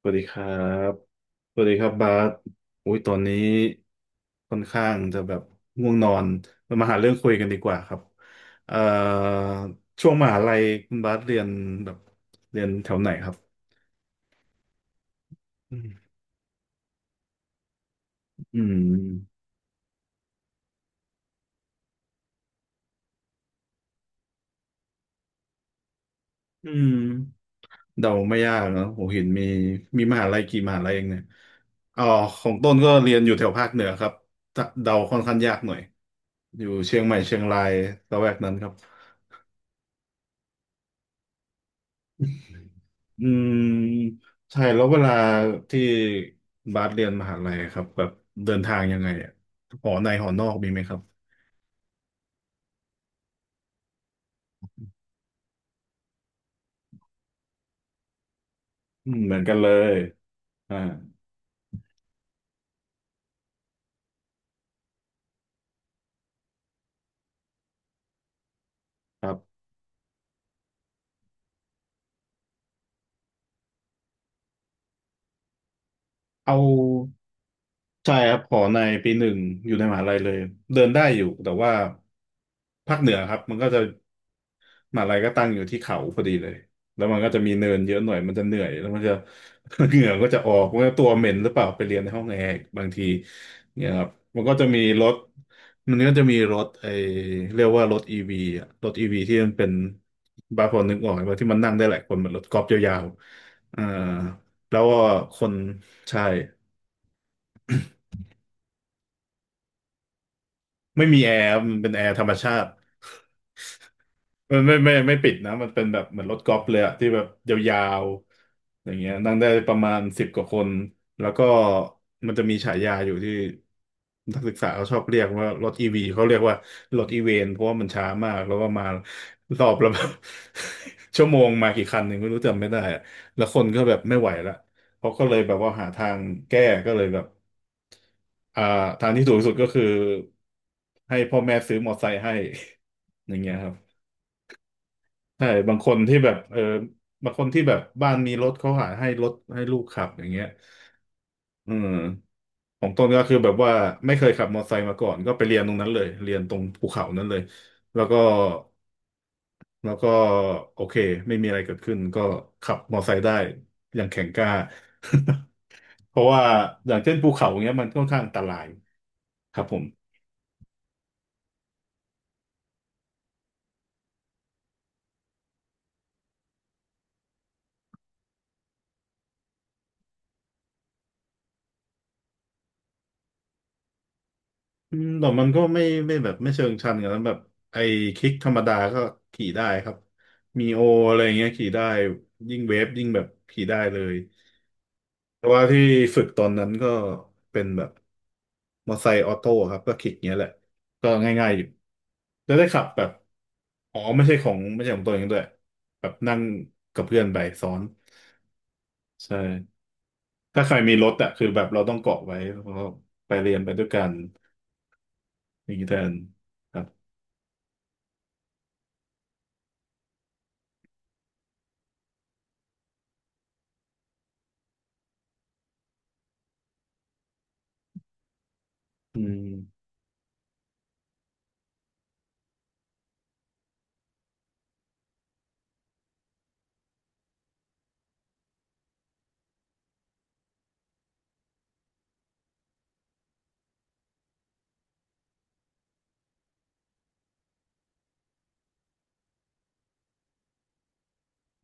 สวัสดีครับสวัสดีครับบาสอุ้ยตอนนี้ค่อนข้างจะแบบง่วงนอนเรามาหาเรื่องคุยกันดีกว่าครับเอ่อช่วงมหาลัยคุณบาสเรียนแบบเรียนแถวไหนครับอืมอืมอืมเดาไม่ยากเนอะผมเห็นมีมหาลัยกี่มหาลัยเองเนี่ยอ๋อของต้นก็เรียนอยู่แถวภาคเหนือครับเดาค่อนข้างยากหน่อยอยู่เชียงใหม่เชียงรายละแวกนั้นครับ อืมใช่แล้วเวลาที่บาสเรียนมหาลัยครับแบบเดินทางยังไงอะหอในหอนอกมีไหมครับอืมเหมือนกันเลยอ่าครับเอาใช่ครับหอในปีหนึ่งอยู่ในมหาลัยเลยเดินได้อยู่แต่ว่าภาคเหนือครับมันก็จะ มหาลัยก็ตั้งอยู่ที่เขาพอดีเลย แล้วมันก็จะมีเนินเยอะหน่อย มันจะเหนื่อยแล้วมันจะ เหงื่อก็จะออกมันก็ตัวเหม็นหรือเปล่าไปเรียนในห้องแอร์กบางทีเนี่ยครับมันก็จะมีรถมันก็จะมีรถไอเรียกว่ารถอีวีอะรถอีวีที่มันเป็นบางคนนึกออกไหมว่าที่มันนั่งได้หลายคนเหมือนรถกอล์ฟยาวๆอ่าแล้วก็คนใช่ ไม่มีแอร์มันเป็นแอร์ธรรมชาติ มันไม่ปิดนะมันเป็นแบบเหมือนรถกอล์ฟเลยอะที่แบบยาวๆอย่างเงี้ยนั่งได้ประมาณสิบกว่าคนแล้วก็มันจะมีฉายาอยู่ที่นักศึกษาเขาชอบเรียกว่ารถอีวีเขาเรียกว่ารถอีเวนเพราะว่ามันช้ามากแล้วก็มารอบละแบบ ชั่วโมงมากี่คันหนึ่งไม่รู้จำไม่ได้อะแล้วคนก็แบบไม่ไหวละเขาก็เลยแบบว่าหาทางแก้ก็เลยแบบ อ่าทางที่ถูกที่สุดก็คือให้พ่อแม่ซื้อมอเตอร์ไซค์ให้ อย่างเงี้ยครับใช่บางคนที่แบบเออบางคนที่แบบบ้านมีรถเขาหาให้รถให้ลูกขับอย่างเงี้ยอืมของต้นก็คือแบบว่าไม่เคยขับมอเตอร์ไซค์มาก่อนก็ไปเรียนตรงนั้นเลยเรียนตรงภูเขานั้นเลยแล้วก็แล้วก็โอเคไม่มีอะไรเกิดขึ้นก็ขับมอเตอร์ไซค์ได้อย่างแข็งกล้า เพราะว่าอย่างเช่นภูเขาเงี้ยมันค่อนข้างอันตรายครับผม อืมแต่มันก็ไม่แบบไม่เชิงชันกันนั้นแบบไอ้คลิกธรรมดาก็ขี่ได้ครับมีโออะไรเงี้ยขี่ได้ยิ่งเวฟยิ่งแบบขี่ได้เลยแต่ว่าที่ฝึกตอนนั้นก็เป็นแบบมอไซค์ออโต้ครับก็คลิกเงี้ยแหละก็ง่ายๆอยู่แล้วได้ขับแบบอ๋อไม่ใช่ของตัวเองด้วยแบบนั่งกับเพื่อนไปซ้อนใช่ถ้าใครมีรถอะคือแบบเราต้องเกาะไว้แล้วก็ไปเรียนไปด้วยกันอย่างนี้แทนครับอืม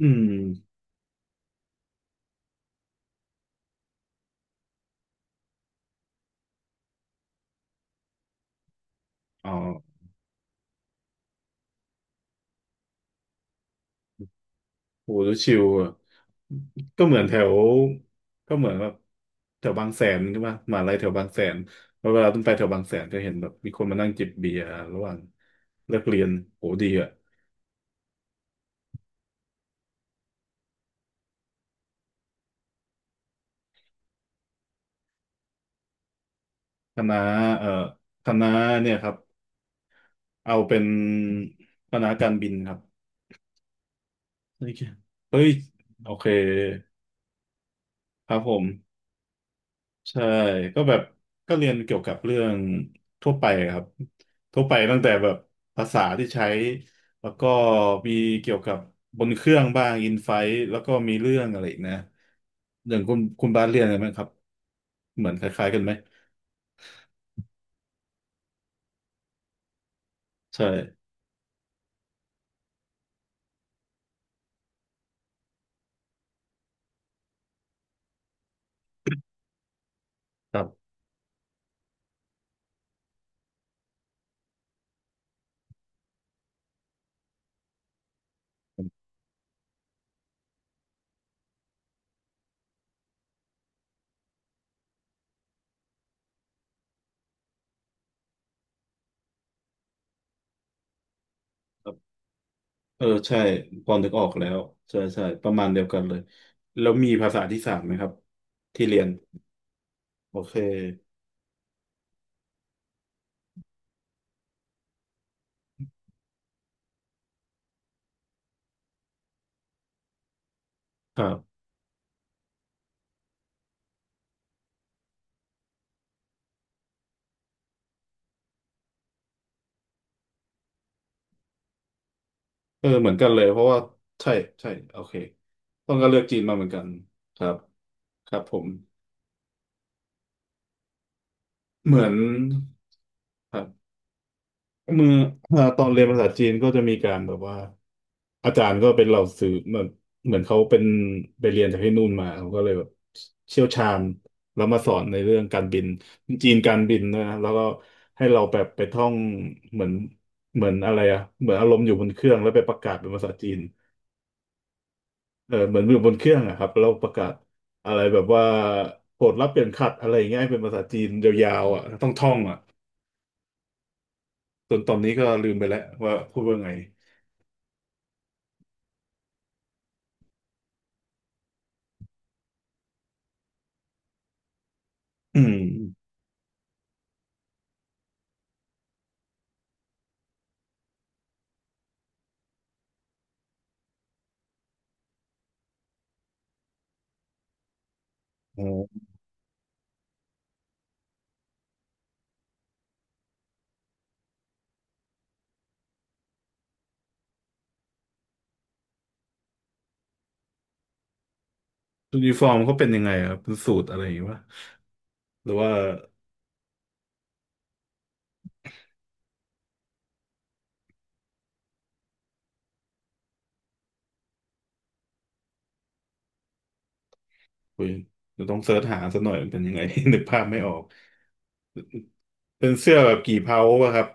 อืมอ๋อโหแล้วชิวอะก็เหมือนแถวก็เหมือนแบบแถวบางแสนใช่ปะมหาลัยแถวบางแสนแล้วเวลาต้องไปแถวบางแสนจะเห็นแบบมีคนมานั่งจิบเบียร์ระหว่างเลิกเรียนโหดีอ่ะคณะเอ่อคณะเนี่ยครับเอาเป็นคณะการบินครับโอเคเฮ้ยโอเคครับผม ใช่ก็แบบก็เรียนเกี่ยวกับเรื่องทั่วไปครับทั่วไปตั้งแต่แบบภาษาที่ใช้แล้วก็มีเกี่ยวกับบนเครื่องบ้างอินไฟท์แล้วก็มีเรื่องอะไรอีกนะอย่างคุณบาสเรียนอะไรไหมครับเหมือนคล้ายๆกันไหมใช่ครับเออใช่พอนึกออกแล้วใช่ใช่ประมาณเดียวกันเลยแล้วมีภาษาที่สามไหมครับที่เรียนโอเคครับ เออเหมือนกันเลยเพราะว่าใช่ใช่โอเคต้องก็เลือกจีนมาเหมือนกันครับครับผมเหมือนครับเมื่อตอนเรียนภาษาจีนก็จะมีการแบบว่าอาจารย์ก็เป็นเหล่าสื่อเหมือนเหมือนเขาเป็นไปเรียนจากที่นู่นมาเขาก็เลยแบบเชี่ยวชาญแล้วมาสอนในเรื่องการบินจีนการบินนะแล้วก็ให้เราแบบไปท่องเหมือนเหมือนอะไรอะเหมือนอารมณ์อยู่บนเครื่องแล้วไปประกาศเป็นภาษาจีน เออเหมือนอยู่บนเครื่องอะครับแล้วประกาศอะไรแบบว่าโปรดรับเปลี่ยนขัดอะไรอย่างเงี้ยให้เป็นภาษาจีนยาวๆอ่ะต้องท่องอ่ะจนตอนนี้ก็ลืมไปแล้วว่าพูดว่าไงอืมอ๋อยูนิฟอร์มเขาเป็นยังไงครับเป็นสูตรอะไรอย่างเงี้ยวะหรือว่าอุยเดี๋ยวต้องเสิร์ชหาสักหน่อยมันเป็นยังไง นึกภาพไม่ออกเป็นเสื้อแบบกี่เพาปะครับ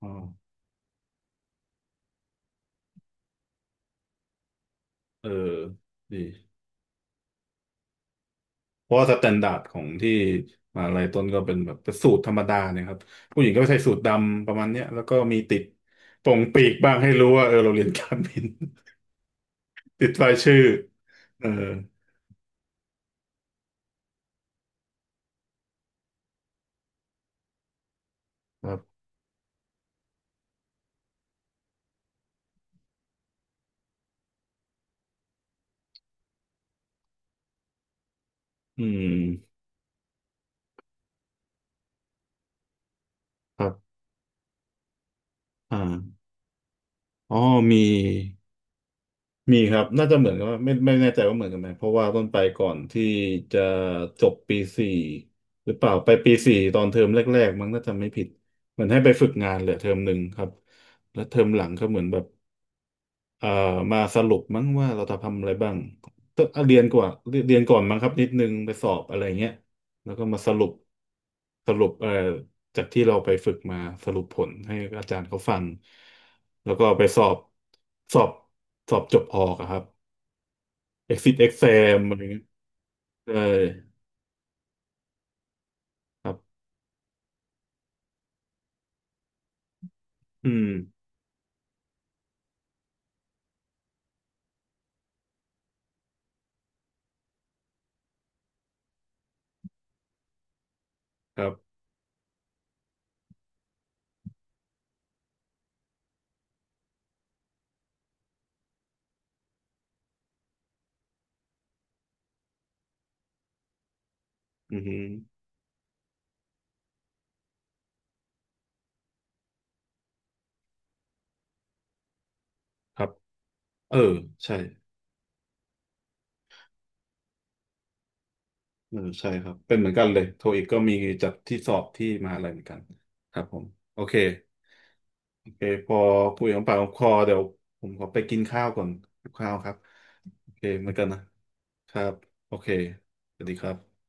อ๋อเออดี เพราะว่าสแตนดาร์ดของที่มหาลัยต้นก็เป็นแบบเป็นสูตรธรรมดาเนี่ยครับผู้หญิงก็ใส่สูทดำประมาณเนี้ยแล้วก็มีติดโป่งปีกบ้างให้รู้ว่าเออเราเรียนการบิน ติดรายชื่อเออครับอืมครับอ่าอ๋อมีครับน่าจะเหมือนกันว่าไม่แน่ใจว่าเหมือนกันไหมเพราะว่าต้นไปก่อนที่จะจบปีสี่หรือเปล่าไปปีสี่ตอนเทอมแรกๆมั้งน่าจะไม่ผิดเหมือนให้ไปฝึกงานเหลือเทอมหนึ่งครับแล้วเทอมหลังก็เหมือนแบบ เอ่อมาสรุปมั้งว่าเราจะทำอะไรบ้างก็เรียนก่อนมั้งครับนิดนึงไปสอบอะไรเงี้ยแล้วก็มาสรุปสรุปจากที่เราไปฝึกมาสรุปผลให้อาจารย์เขาฟังแล้วก็ไปสอบสอบสอบจบออกอะครับ exit exam อะไรเงี้ยใช่ครับอืมครับอือฮึครับเออใช่ เออใช่ครับเป็นเหมือนกันเลยโทอีกก็มีจัดที่สอบที่มหาลัยเหมือนกันครับผมโอเคโอเคพอคุยของปากของคอเดี๋ยวผมขอไปกินข้าวก่อนกินข้าวครับโอเคเหมือนกันนะครับโอเคสวัสดีครับ